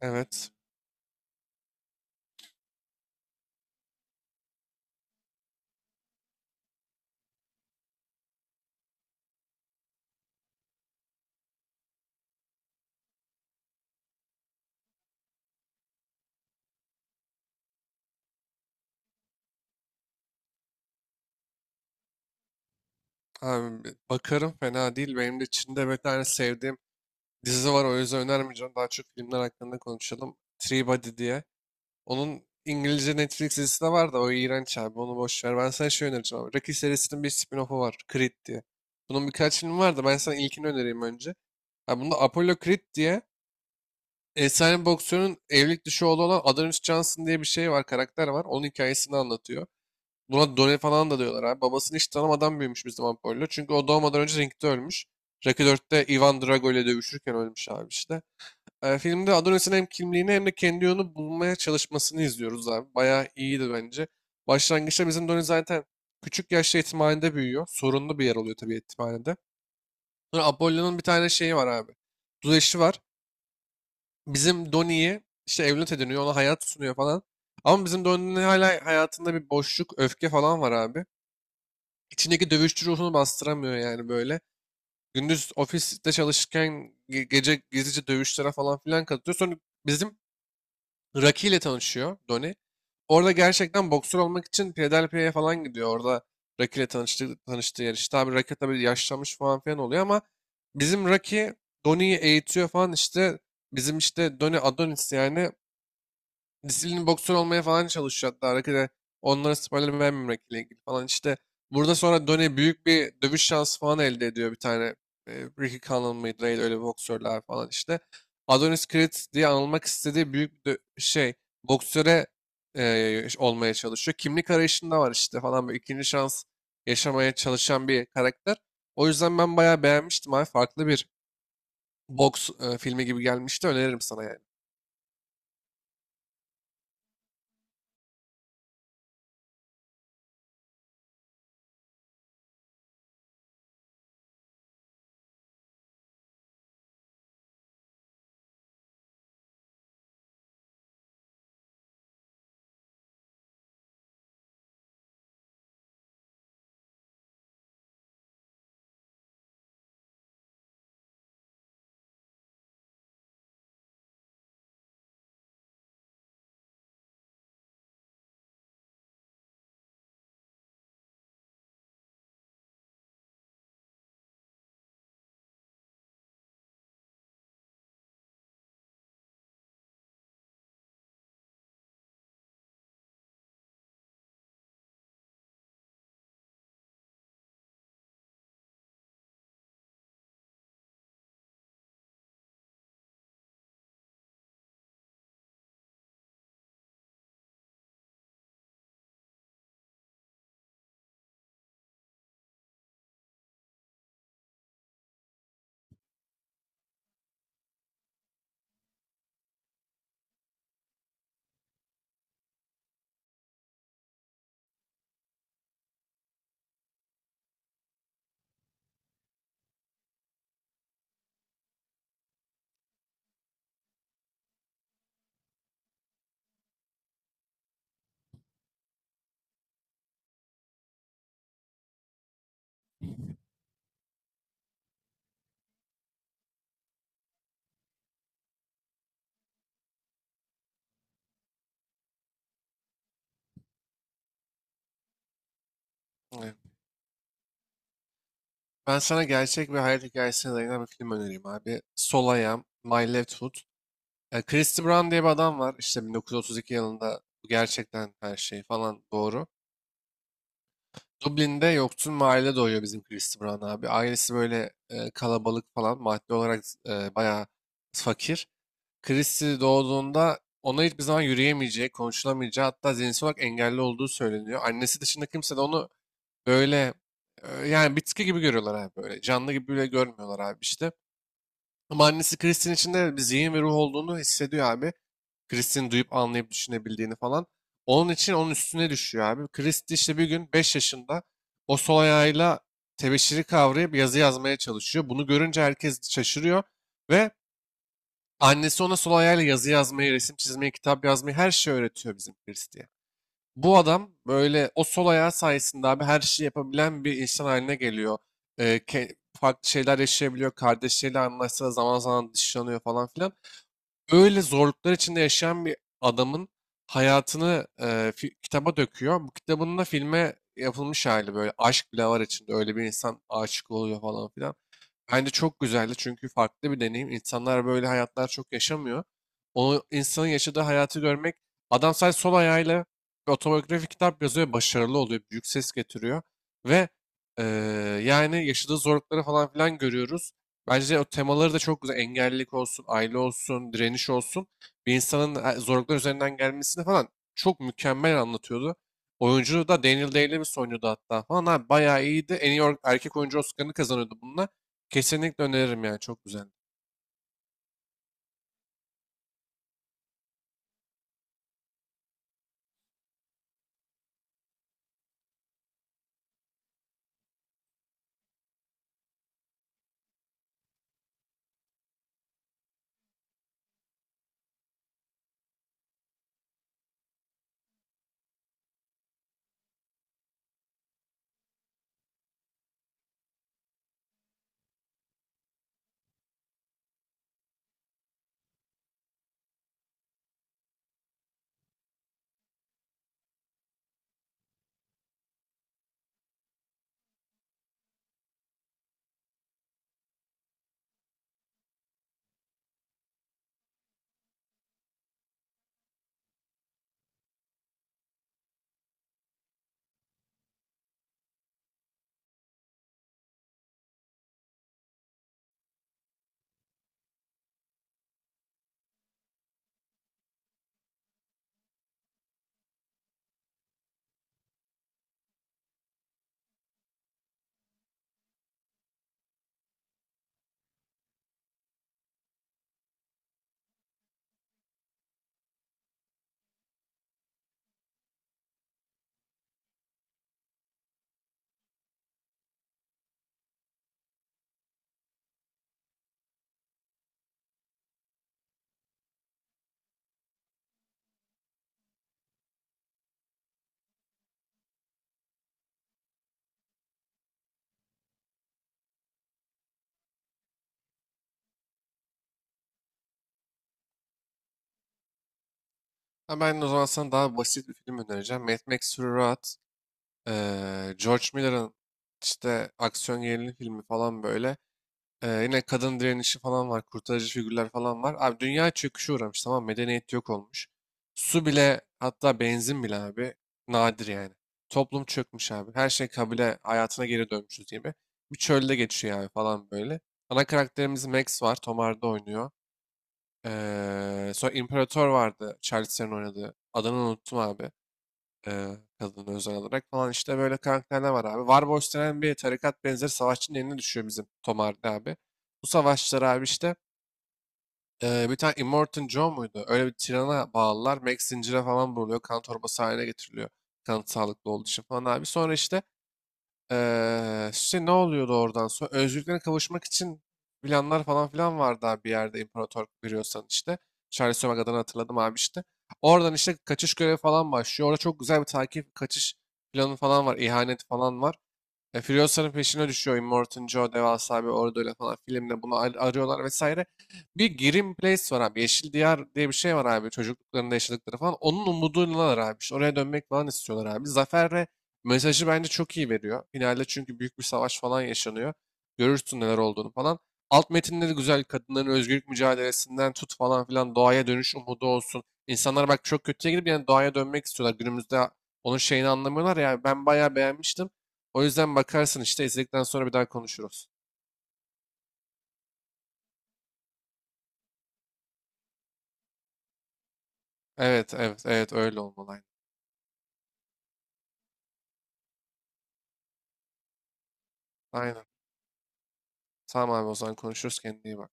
Evet. Abi bakarım fena değil. Benim de Çin'de bir tane sevdiğim dizi var. O yüzden önermeyeceğim. Daha çok filmler hakkında konuşalım. Three Body diye. Onun İngilizce Netflix dizisi de var da o iğrenç abi. Onu boş ver. Ben sana şey önereceğim abi. Rocky serisinin bir spin-off'u var. Creed diye. Bunun birkaç filmi var da ben sana ilkini önereyim önce. Abi bunda Apollo Creed diye efsane boksörün evlilik dışı oğlu olan Adonis Johnson diye bir şey var. Karakter var. Onun hikayesini anlatıyor. Buna Done falan da diyorlar abi. Babasını hiç tanımadan büyümüş Müslüman Pollo. Çünkü o doğmadan önce ringde ölmüş. Rocky 4'te Ivan Drago ile dövüşürken ölmüş abi işte. Filmde Adonis'in hem kimliğini hem de kendi yolunu bulmaya çalışmasını izliyoruz abi. Bayağı iyiydi bence. Başlangıçta bizim Donnie zaten küçük yaşta yetimhanede büyüyor. Sorunlu bir yer oluyor tabii yetimhanede. Sonra Apollo'nun bir tane şeyi var abi. Duzeşi var. Bizim Donnie'yi işte evlat ediniyor. Ona hayat sunuyor falan. Ama bizim Donnie'nin hala hayatında bir boşluk, öfke falan var abi. İçindeki dövüşçü ruhunu bastıramıyor yani böyle. Gündüz ofiste çalışırken gece gizlice dövüşlere falan filan katılıyor. Sonra bizim Rocky ile tanışıyor Donnie. Orada gerçekten boksör olmak için Philadelphia'ya falan gidiyor. Orada Rocky ile tanıştığı yer. İşte abi Rocky tabii yaşlanmış falan filan oluyor ama bizim Rocky Donnie'yi eğitiyor falan işte. Bizim işte Donnie Adonis yani disiplin boksör olmaya falan çalışıyor hatta. Arkada onlara spoiler vermemekle ilgili falan. İşte burada sonra Donnie büyük bir dövüş şansı falan elde ediyor bir tane. E, Ricky Cannon mıydı neydi öyle bir boksörler falan işte. Adonis Creed diye anılmak istediği büyük bir şey boksöre olmaya çalışıyor. Kimlik arayışında var işte falan böyle ikinci şans yaşamaya çalışan bir karakter. O yüzden ben bayağı beğenmiştim abi. Farklı bir boks filmi gibi gelmişti. Öneririm sana yani. Evet. Ben sana gerçek bir hayat hikayesine dayanan bir film önereyim abi. Sol I My Left Foot. Christy Brown diye bir adam var. İşte 1932 yılında bu gerçekten her şey falan doğru. Dublin'de yoksul mahallede doğuyor bizim Christy Brown abi. Ailesi böyle kalabalık falan maddi olarak bayağı fakir. Christy doğduğunda ona hiçbir zaman yürüyemeyeceği, konuşulamayacağı hatta zihinsel olarak engelli olduğu söyleniyor. Annesi dışında kimse de onu böyle yani bitki gibi görüyorlar abi böyle. Canlı gibi bile görmüyorlar abi işte. Ama annesi Chris'in içinde bir zihin ve ruh olduğunu hissediyor abi. Chris'in duyup anlayıp düşünebildiğini falan. Onun için onun üstüne düşüyor abi. Chris de işte bir gün 5 yaşında o sol ayağıyla tebeşiri kavrayıp yazı yazmaya çalışıyor. Bunu görünce herkes şaşırıyor ve annesi ona sol ayağıyla yazı yazmayı, resim çizmeyi, kitap yazmayı her şeyi öğretiyor bizim Chris diye. Bu adam böyle o sol ayağı sayesinde abi her şeyi yapabilen bir insan haline geliyor. Farklı şeyler yaşayabiliyor. Kardeşleriyle anlaşsa da zaman zaman dışlanıyor falan filan. Öyle zorluklar içinde yaşayan bir adamın hayatını kitaba döküyor. Bu kitabın da filme yapılmış hali böyle. Aşk bile var içinde. Öyle bir insan aşık oluyor falan filan. Bence çok güzeldi çünkü farklı bir deneyim. İnsanlar böyle hayatlar çok yaşamıyor. O insanın yaşadığı hayatı görmek, adam sadece sol ayağıyla bir otobiyografik kitap yazıyor, ve başarılı oluyor, büyük ses getiriyor ve eee, yani yaşadığı zorlukları falan filan görüyoruz. Bence o temaları da çok güzel. Engellilik olsun, aile olsun, direniş olsun. Bir insanın zorluklar üzerinden gelmesini falan çok mükemmel anlatıyordu. Oyuncu da Daniel Day-Lewis oynuyordu hatta falan. Abi, bayağı iyiydi. En iyi erkek oyuncu Oscar'ını kazanıyordu bununla. Kesinlikle öneririm yani çok güzel. Ha, ben o zaman sana daha basit bir film önereceğim. Mad Max Fury Road. George Miller'ın işte aksiyon gerilim filmi falan böyle. Yine kadın direnişi falan var. Kurtarıcı figürler falan var. Abi dünya çöküşe uğramış, tamam mı? Medeniyet yok olmuş. Su bile hatta benzin bile abi nadir yani. Toplum çökmüş abi. Her şey kabile hayatına geri dönmüşüz gibi. Bir çölde geçiyor yani falan böyle. Ana karakterimiz Max var. Tom Hardy oynuyor. Sonra İmparator vardı. Charlize'nin oynadığı. Adını unuttum abi. Kadını özel olarak falan işte böyle karakterler var abi. Warboss denen bir tarikat benzeri savaşçının eline düşüyor bizim Tom Hardy abi. Bu savaşçılar abi işte bir tane Immortan Joe muydu? Öyle bir tirana bağlılar. Max zincire falan vuruluyor. Kan torbası haline getiriliyor. Kanı sağlıklı olduğu için falan abi. Sonra işte işte ne oluyordu oradan sonra? Özgürlüklerine kavuşmak için planlar falan filan vardı abi, bir yerde imparator görüyorsan işte. Charles Sönmek adını hatırladım abi işte. Oradan işte kaçış görevi falan başlıyor. Orada çok güzel bir takip kaçış planı falan var. İhanet falan var. Furiosa'nın peşine düşüyor. Immortan Joe devasa bir orduyla falan filmde bunu arıyorlar vesaire. Bir Grim Place var abi. Yeşil Diyar diye bir şey var abi. Çocukluklarında yaşadıkları falan. Onun umuduylalar abi. İşte oraya dönmek falan istiyorlar abi. Zafer'le mesajı bence çok iyi veriyor. Finalde çünkü büyük bir savaş falan yaşanıyor. Görürsün neler olduğunu falan. Alt metinleri güzel. Kadınların özgürlük mücadelesinden tut falan filan doğaya dönüş umudu olsun. İnsanlar bak çok kötüye gidip yani doğaya dönmek istiyorlar. Günümüzde onun şeyini anlamıyorlar ya. Ben bayağı beğenmiştim. O yüzden bakarsın işte izledikten sonra bir daha konuşuruz. Evet, evet, evet, öyle olmalı. Aynen. Aynen. Tamam abi, o zaman konuşuruz, kendine iyi bak.